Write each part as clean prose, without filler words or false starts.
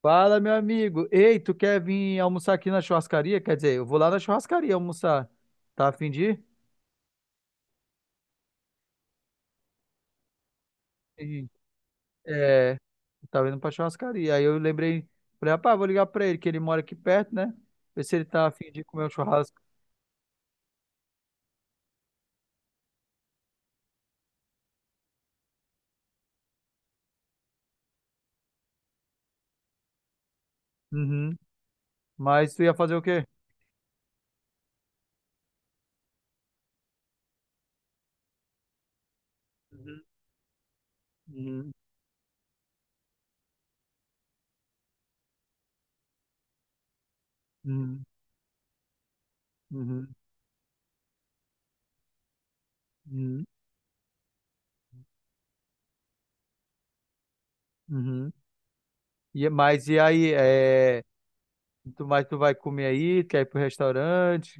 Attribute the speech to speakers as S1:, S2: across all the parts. S1: Fala, meu amigo. Ei, tu quer vir almoçar aqui na churrascaria? Quer dizer, eu vou lá na churrascaria almoçar. Tá a fim de ir? Sim. É, tava indo pra churrascaria. Aí eu lembrei, falei, rapaz, vou ligar pra ele, que ele mora aqui perto, né? Ver se ele tá a fim de comer um churrasco. Uhum. Mas tu ia fazer o quê? Uhum, uhum, uhum, uhum, uhum, uhum. E, mas e aí, é, mas tu vai comer aí, quer ir pro restaurante?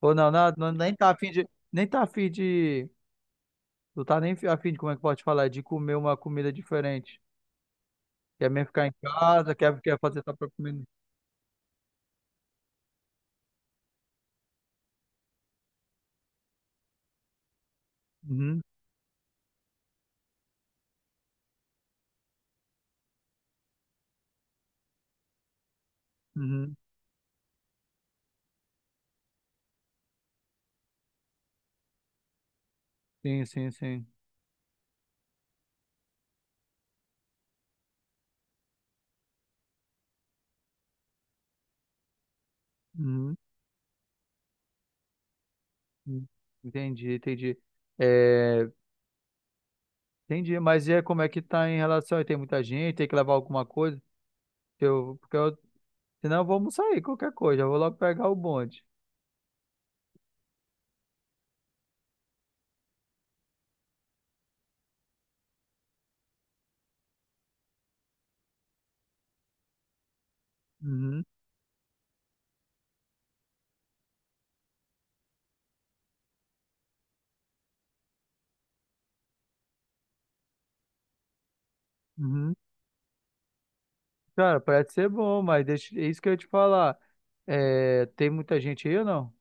S1: Ou não, não, não, nem tá a fim de, nem tá a fim de, tu tá nem a fim de, como é que pode falar, é de comer uma comida diferente. Quer mesmo ficar em casa, quer, quer fazer tua própria comida. Uhum, uhum. Sim, sim, sim. Uhum. Uhum. Entendi, entendi. É, entendi, mas e aí, como é que tá em relação aí? Tem muita gente, tem que levar alguma coisa? Porque eu, senão eu vou almoçar aí, qualquer coisa, eu vou logo pegar o bonde. Uhum, uhum. Cara, parece ser bom, mas deixa, é isso que eu ia te falar. É, tem muita gente aí ou não?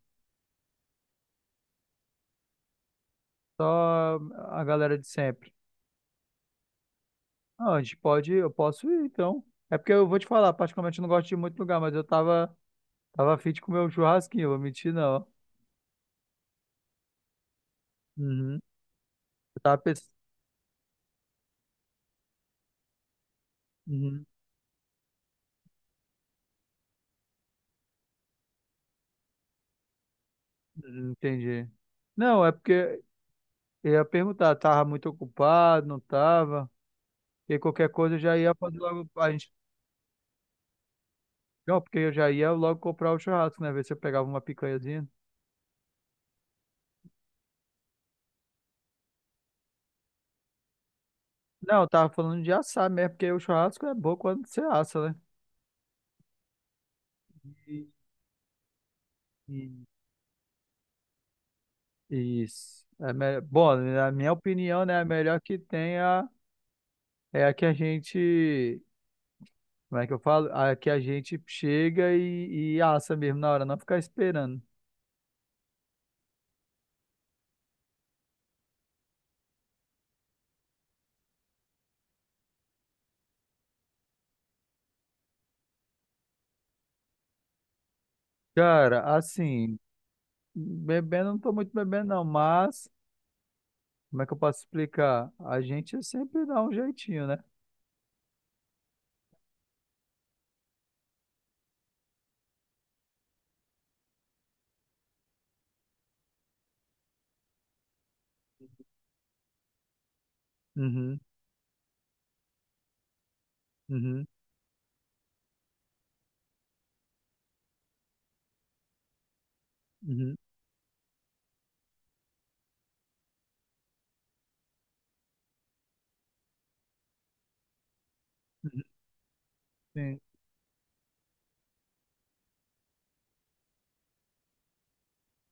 S1: Só a galera de sempre. Ah, a gente pode, eu posso ir, então. É porque eu vou te falar, particularmente eu não gosto de ir muito lugar, mas eu tava afim de comer um churrasquinho, vou mentir não. Uhum. Eu tava pensando... Uhum. Uhum, entendi. Não, é porque eu ia perguntar, tava muito ocupado, não tava? E qualquer coisa eu já ia fazer logo, a gente... Não, porque eu já ia logo comprar o churrasco, né? Ver se eu pegava uma picanhazinha. Não, eu tava falando de assar mesmo, porque o churrasco é bom quando você assa, né? E- isso. É me- bom, na minha opinião, né, a melhor que tem é a- é a que a gente, como é que eu falo? A que a gente chega e assa mesmo na hora, não ficar esperando. Cara, assim, bebendo não tô muito bebendo não, mas como é que eu posso explicar? A gente sempre dá um jeitinho, né? Uhum, uhum, uhum, uhum, sim.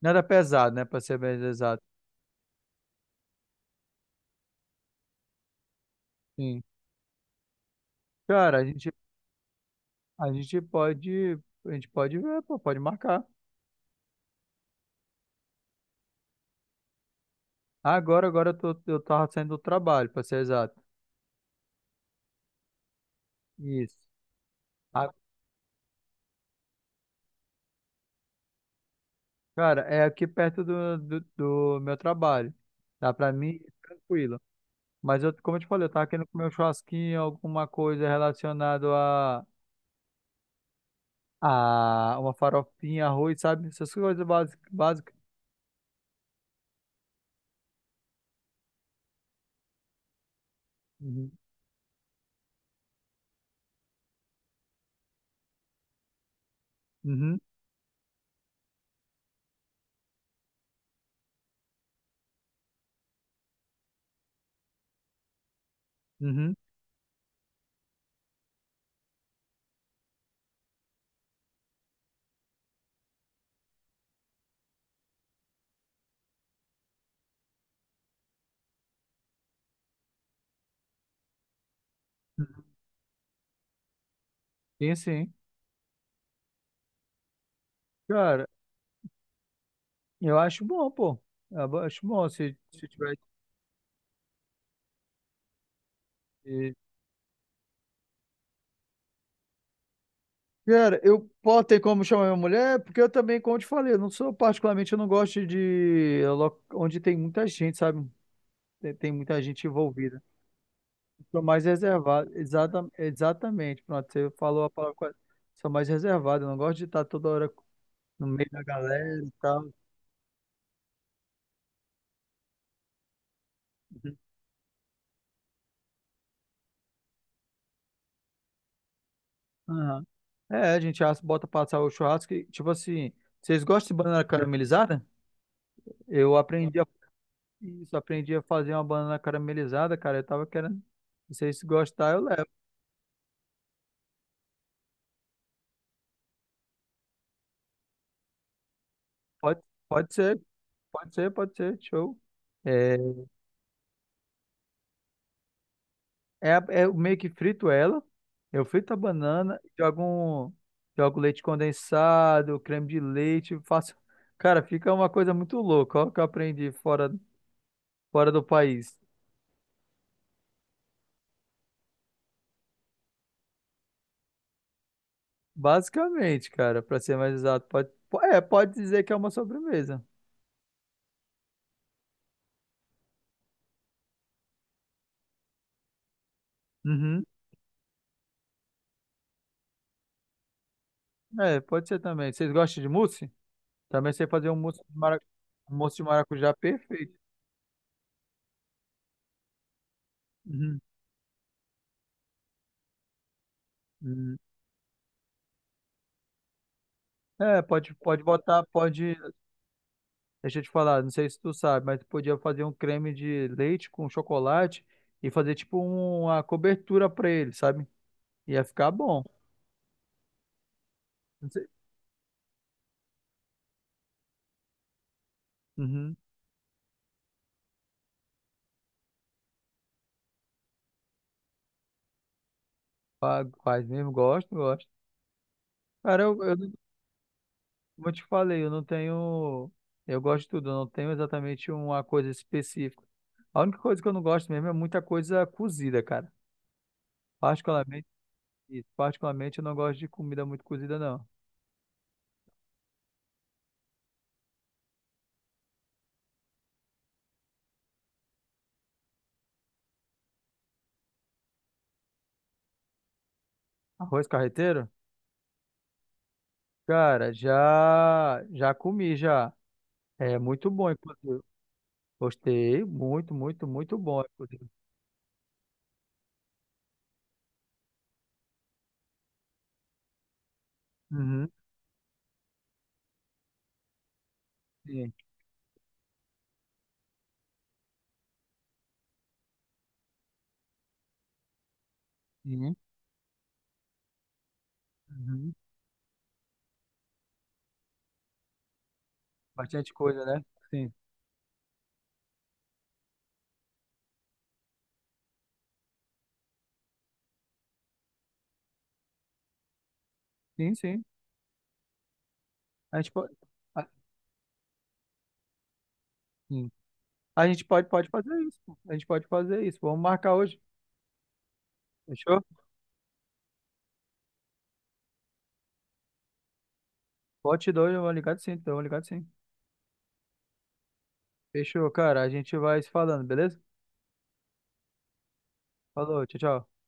S1: Nada pesado, né, pra ser bem exato. Sim. Cara, a gente pode, a gente pode ver, pô, pode marcar. Agora eu tô, eu tava saindo do trabalho, para ser exato. Isso. A- cara, é aqui perto do meu trabalho. Dá pra mim, tranquilo. Mas eu, como eu te falei, eu tava querendo comer um churrasquinho, alguma coisa relacionada a uma farofinha, arroz, sabe? Essas coisas básicas. Básicas. Uhum. Uhum. Uhum. Sim, sim. Cara, eu acho bom, pô. Eu acho bom se tiver. Cara, eu posso ter como chamar minha mulher, porque eu também, como eu te falei, eu não sou particularmente, eu não gosto de lo- onde tem muita gente, sabe? Tem muita gente envolvida. Sou mais reservado, exata, exatamente. Pronto, você falou a palavra. Quase- sou mais reservado, eu não gosto de estar toda hora no meio da galera e tal. Uhum. Aham. É, a gente assa- bota passar o churrasco, e, tipo assim, vocês gostam de banana caramelizada? Eu aprendi a, isso, aprendi a fazer uma banana caramelizada, cara, eu tava querendo, se vocês gostarem, eu levo. Pode, pode ser, pode ser, show. É, é, a- é, eu meio que frito ela. Eu frito a banana, jogo um, jogo leite condensado, creme de leite, faço. Cara, fica uma coisa muito louca, ó, o que eu aprendi fora, fora do país. Basicamente, cara, pra ser mais exato, pode, po- é, pode dizer que é uma sobremesa. Uhum. É, pode ser também. Vocês gostam de mousse? Também sei fazer um mousse de mara- um mousse de maracujá perfeito. Uhum. Uhum. É, pode, pode botar, pode. Deixa eu te falar, não sei se tu sabe, mas tu podia fazer um creme de leite com chocolate e fazer tipo uma cobertura pra ele, sabe? Ia ficar bom. Não sei- uhum. Fa- faz mesmo, gosto, gosto. Cara, eu, não- como eu te falei, eu não tenho. Eu gosto de tudo, eu não tenho exatamente uma coisa específica. A única coisa que eu não gosto mesmo é muita coisa cozida, cara. Particularmente, isso, particularmente eu não gosto de comida muito cozida, não. Arroz carreteiro? Cara, já comi já. É muito bom, inclusive. Gostei, muito, muito, muito bom, inclusive. Uhum, sim, sim, uhum. Bastante coisa, né? Sim, sim, sim. A gente pode, a, sim. A gente pode, pode fazer isso. Pô. A gente pode fazer isso. Vamos marcar hoje. Fechou? Pode te dar, eu vou ligar sim, então, eu vou ligar sim. Fechou, cara. A gente vai se falando, beleza? Falou, tchau, tchau.